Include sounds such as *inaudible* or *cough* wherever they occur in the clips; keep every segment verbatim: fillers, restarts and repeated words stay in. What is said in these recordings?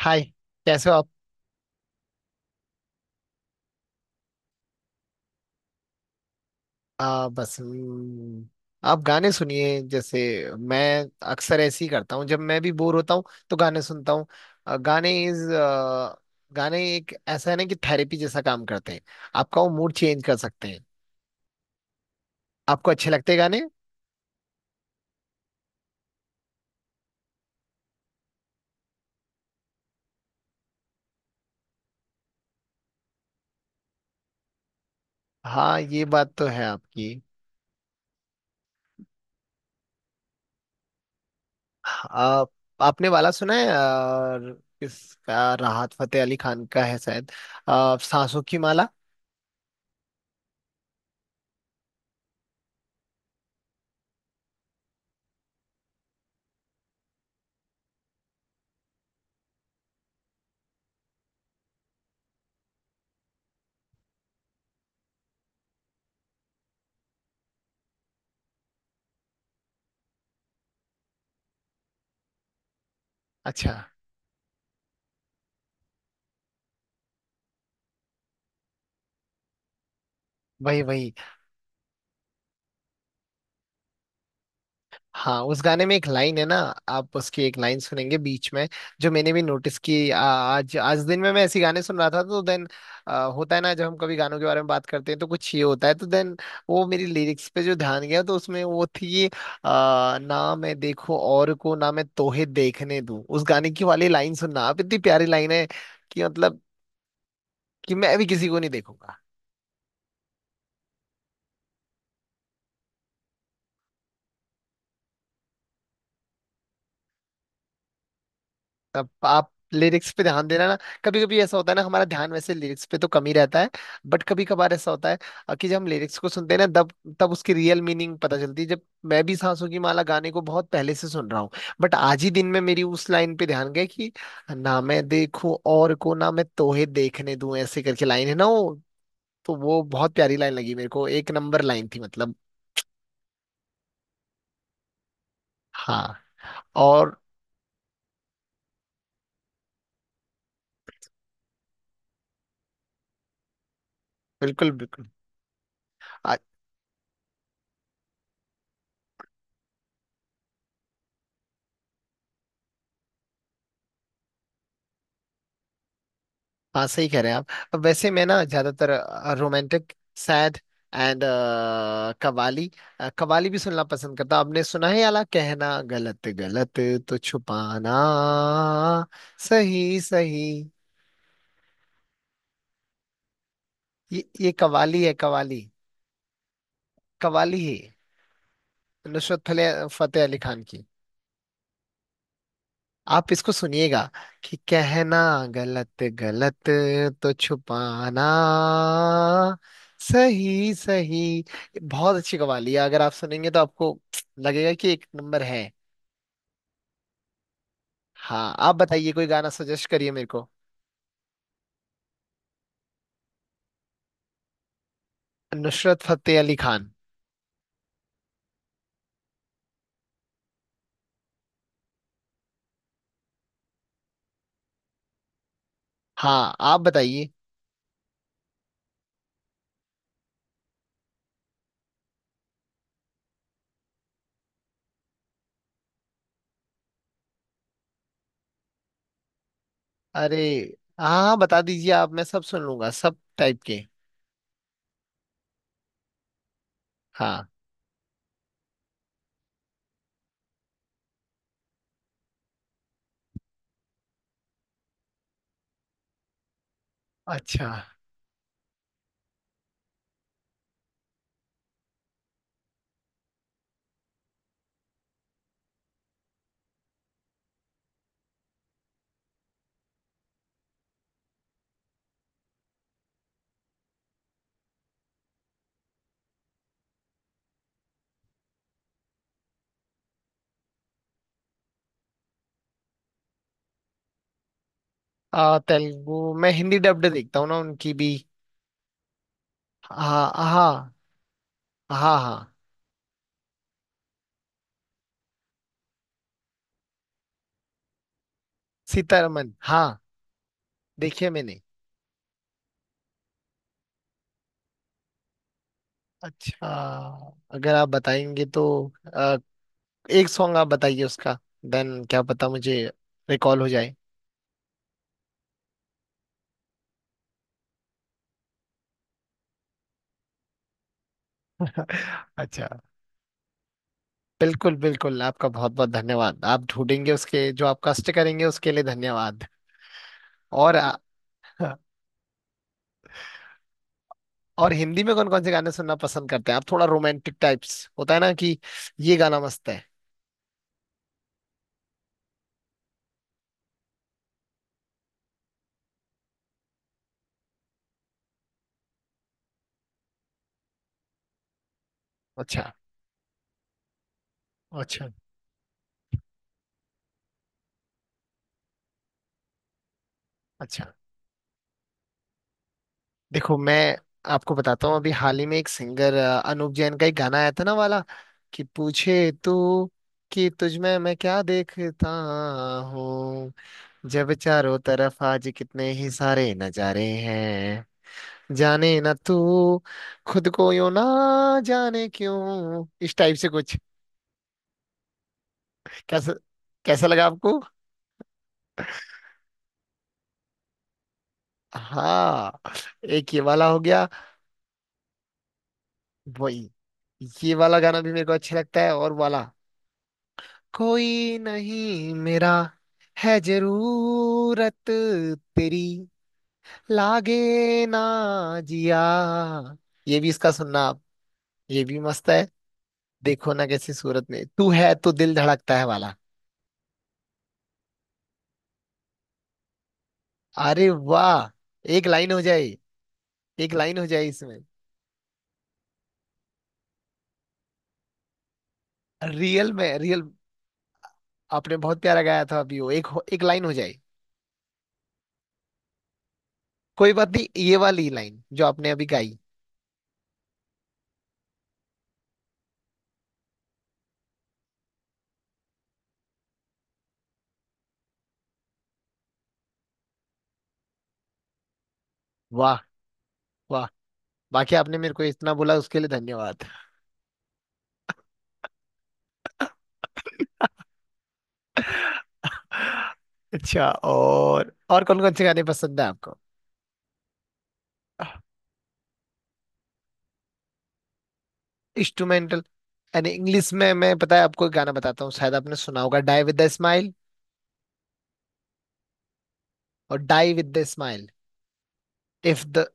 हाय। कैसे हो आप। आ, बस हम्म, आप गाने सुनिए। जैसे मैं अक्सर ऐसे ही करता हूँ जब मैं भी बोर होता हूँ तो गाने सुनता हूँ। अ, गाने इज गाने एक ऐसा है ना कि थेरेपी जैसा काम करते हैं। आपका वो मूड चेंज कर सकते हैं। आपको अच्छे लगते हैं गाने? हाँ ये बात तो है आपकी। आ, आपने वाला सुना है? आ, इसका राहत फतेह अली खान का है शायद, आ, सांसों की माला। अच्छा। वही वही। हाँ उस गाने में एक लाइन है ना। आप उसकी एक लाइन सुनेंगे बीच में, जो मैंने भी नोटिस की। आ, आज आज दिन में मैं ऐसी गाने सुन रहा था तो देन, होता है ना जब हम कभी गानों के बारे में बात करते हैं तो कुछ ये होता है, तो देन वो मेरी लिरिक्स पे जो ध्यान गया तो उसमें वो थी। आ, ना मैं देखो और को, ना मैं तोहे देखने दूं। उस गाने की वाली लाइन सुनना आप, इतनी प्यारी लाइन है। कि मतलब कि मैं भी किसी को नहीं देखूंगा। अब आप लिरिक्स पे ध्यान देना ना। कभी कभी ऐसा होता है ना, हमारा ध्यान वैसे लिरिक्स पे तो कम ही रहता है, बट कभी कभार ऐसा होता है। अ, कि जब हम लिरिक्स को सुनते हैं ना तब तब उसकी रियल मीनिंग पता चलती है। जब मैं भी सांसों की माला गाने को बहुत पहले से सुन रहा हूँ, बट आज ही दिन में मेरी उस लाइन पे ध्यान गया कि ना मैं देखूं और को, ना मैं तोहे देखने दूं, ऐसे करके लाइन है ना वो। तो वो बहुत प्यारी लाइन लगी मेरे को, एक नंबर लाइन थी मतलब। हाँ। और। बिल्कुल बिल्कुल। हाँ सही कह रहे हैं आप। अब वैसे मैं ना ज्यादातर रोमांटिक, सैड, एंड कवाली अ, कवाली भी सुनना पसंद करता हूं। आपने सुना है याला, कहना गलत गलत, तो छुपाना सही सही। ये ये कवाली है, कवाली। कवाली है, नुसरत फले- फतेह अली खान की। आप इसको सुनिएगा, कि कहना गलत गलत, तो छुपाना सही सही। बहुत अच्छी कवाली है, अगर आप सुनेंगे तो आपको लगेगा कि एक नंबर है। हाँ आप बताइए, कोई गाना सजेस्ट करिए मेरे को। नुसरत फतेह अली खान। हाँ आप बताइए। अरे। हाँ हाँ, बता दीजिए आप, मैं सब सुन लूंगा सब टाइप के। हाँ। अच्छा। आ, तेलुगु मैं हिंदी डब्ड देखता हूँ ना उनकी भी। हाँ हाँ। हाँ हाँ। सीतारमन, हाँ। देखिए मैंने। अच्छा। अगर आप बताएंगे तो अ, एक सॉन्ग आप बताइए उसका, देन क्या पता मुझे रिकॉल हो जाए। अच्छा। बिल्कुल बिल्कुल, आपका बहुत बहुत धन्यवाद। आप ढूंढेंगे, उसके जो आप कष्ट करेंगे उसके लिए धन्यवाद। और आ, और हिंदी में कौन कौन से गाने सुनना पसंद करते हैं आप? थोड़ा रोमांटिक टाइप्स होता है ना, कि ये गाना मस्त है। अच्छा अच्छा अच्छा। देखो मैं आपको बताता हूँ, अभी हाल ही में एक सिंगर अनूप जैन का एक गाना आया था ना वाला, कि पूछे तू कि तुझ में मैं क्या देखता हूँ, जब चारों तरफ आज कितने ही सारे नजारे हैं, जाने ना तू खुद को यूं, ना जाने क्यों, इस टाइप से कुछ। कैसा कैसा लगा आपको? हाँ एक ये वाला हो गया। वही। ये वाला गाना भी मेरे को अच्छा लगता है, और वाला, कोई नहीं मेरा, है जरूरत तेरी, लागे ना जिया, ये भी इसका सुनना आप। ये भी मस्त है। देखो ना, कैसी सूरत में तू है तो दिल धड़कता है वाला। अरे वाह। एक लाइन हो जाए। एक लाइन हो जाए इसमें। रियल में, रियल। आपने बहुत प्यारा गाया था अभी वो, एक हो- एक लाइन हो जाए। कोई बात नहीं, ये वाली लाइन जो आपने अभी गाई। वाह वाह। बाकी आपने मेरे को इतना बोला उसके लिए धन्यवाद। अच्छा, और और कौन कौन से गाने पसंद है आपको? इंस्ट्रूमेंटल? यानी इंग्लिश में। मैं, पता है, आपको एक गाना बताता हूँ, शायद आपने सुना होगा, डाई विद द स्माइल। और die with the smile. If the.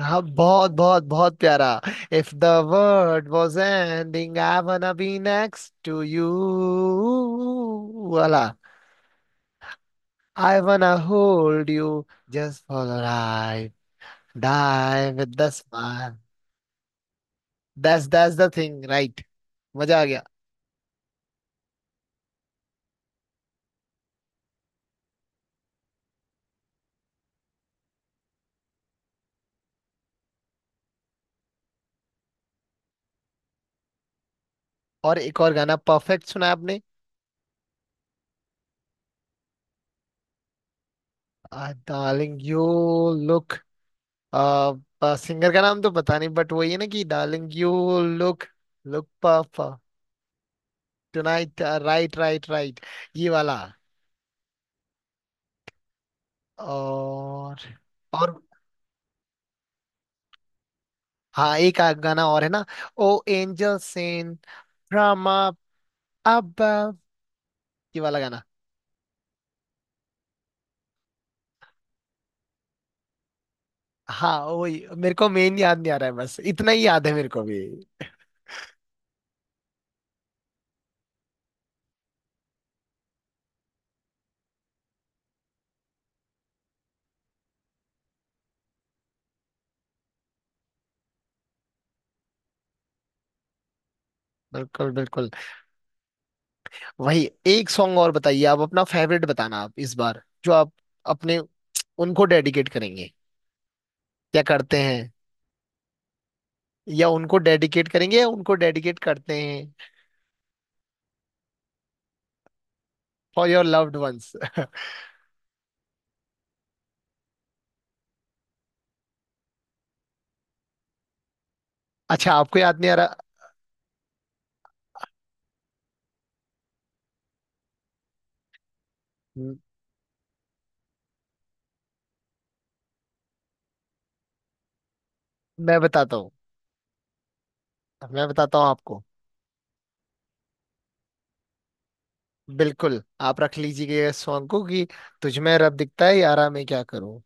हाँ बहुत बहुत बहुत प्यारा। If the world was ending, I wanna be next to you वाला। I wanna hold you, just for a ride, die with the smile. That's that's the thing, right? मजा आ गया। और एक और गाना, परफेक्ट सुना आपने? Darling you look. सिंगर का नाम तो पता नहीं, बट वही है ना, कि darling you look, look papa. Tonight, right right right, ये वाला। और। और हाँ, एक आ- गाना और है ना, oh angel sent from above, ये वाला गाना। हाँ वही मेरे को मेन याद नहीं आ रहा है, बस इतना ही याद है मेरे को भी। बिल्कुल बिल्कुल। वही, एक सॉन्ग और बताइए आप, अपना फेवरेट बताना आप इस बार, जो आप अपने उनको डेडिकेट करेंगे या करते हैं, या उनको डेडिकेट करेंगे, या उनको डेडिकेट करते हैं, फॉर योर लव्ड वंस। *laughs* अच्छा, आपको याद नहीं आ रहा। म- मैं बताता हूँ। मैं बताता हूँ आपको। बिल्कुल, आप रख लीजिएगा इस सॉन्ग को, कि तुझ में रब दिखता है यारा, मैं क्या करूँ।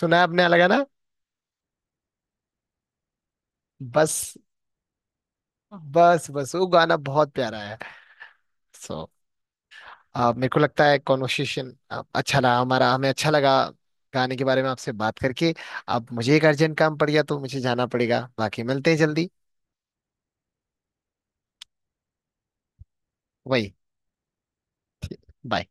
सुना है आपने? अलग ना। बस बस बस, वो गाना बहुत प्यारा है। सो आ, मेरे को लगता है कॉन्वर्सेशन अच्छा रहा हमारा, हमें अच्छा लगा गाने के बारे में आपसे बात करके। अब मुझे एक अर्जेंट काम पड़ गया तो मुझे जाना पड़ेगा, बाकी मिलते हैं जल्दी। वही, बाय।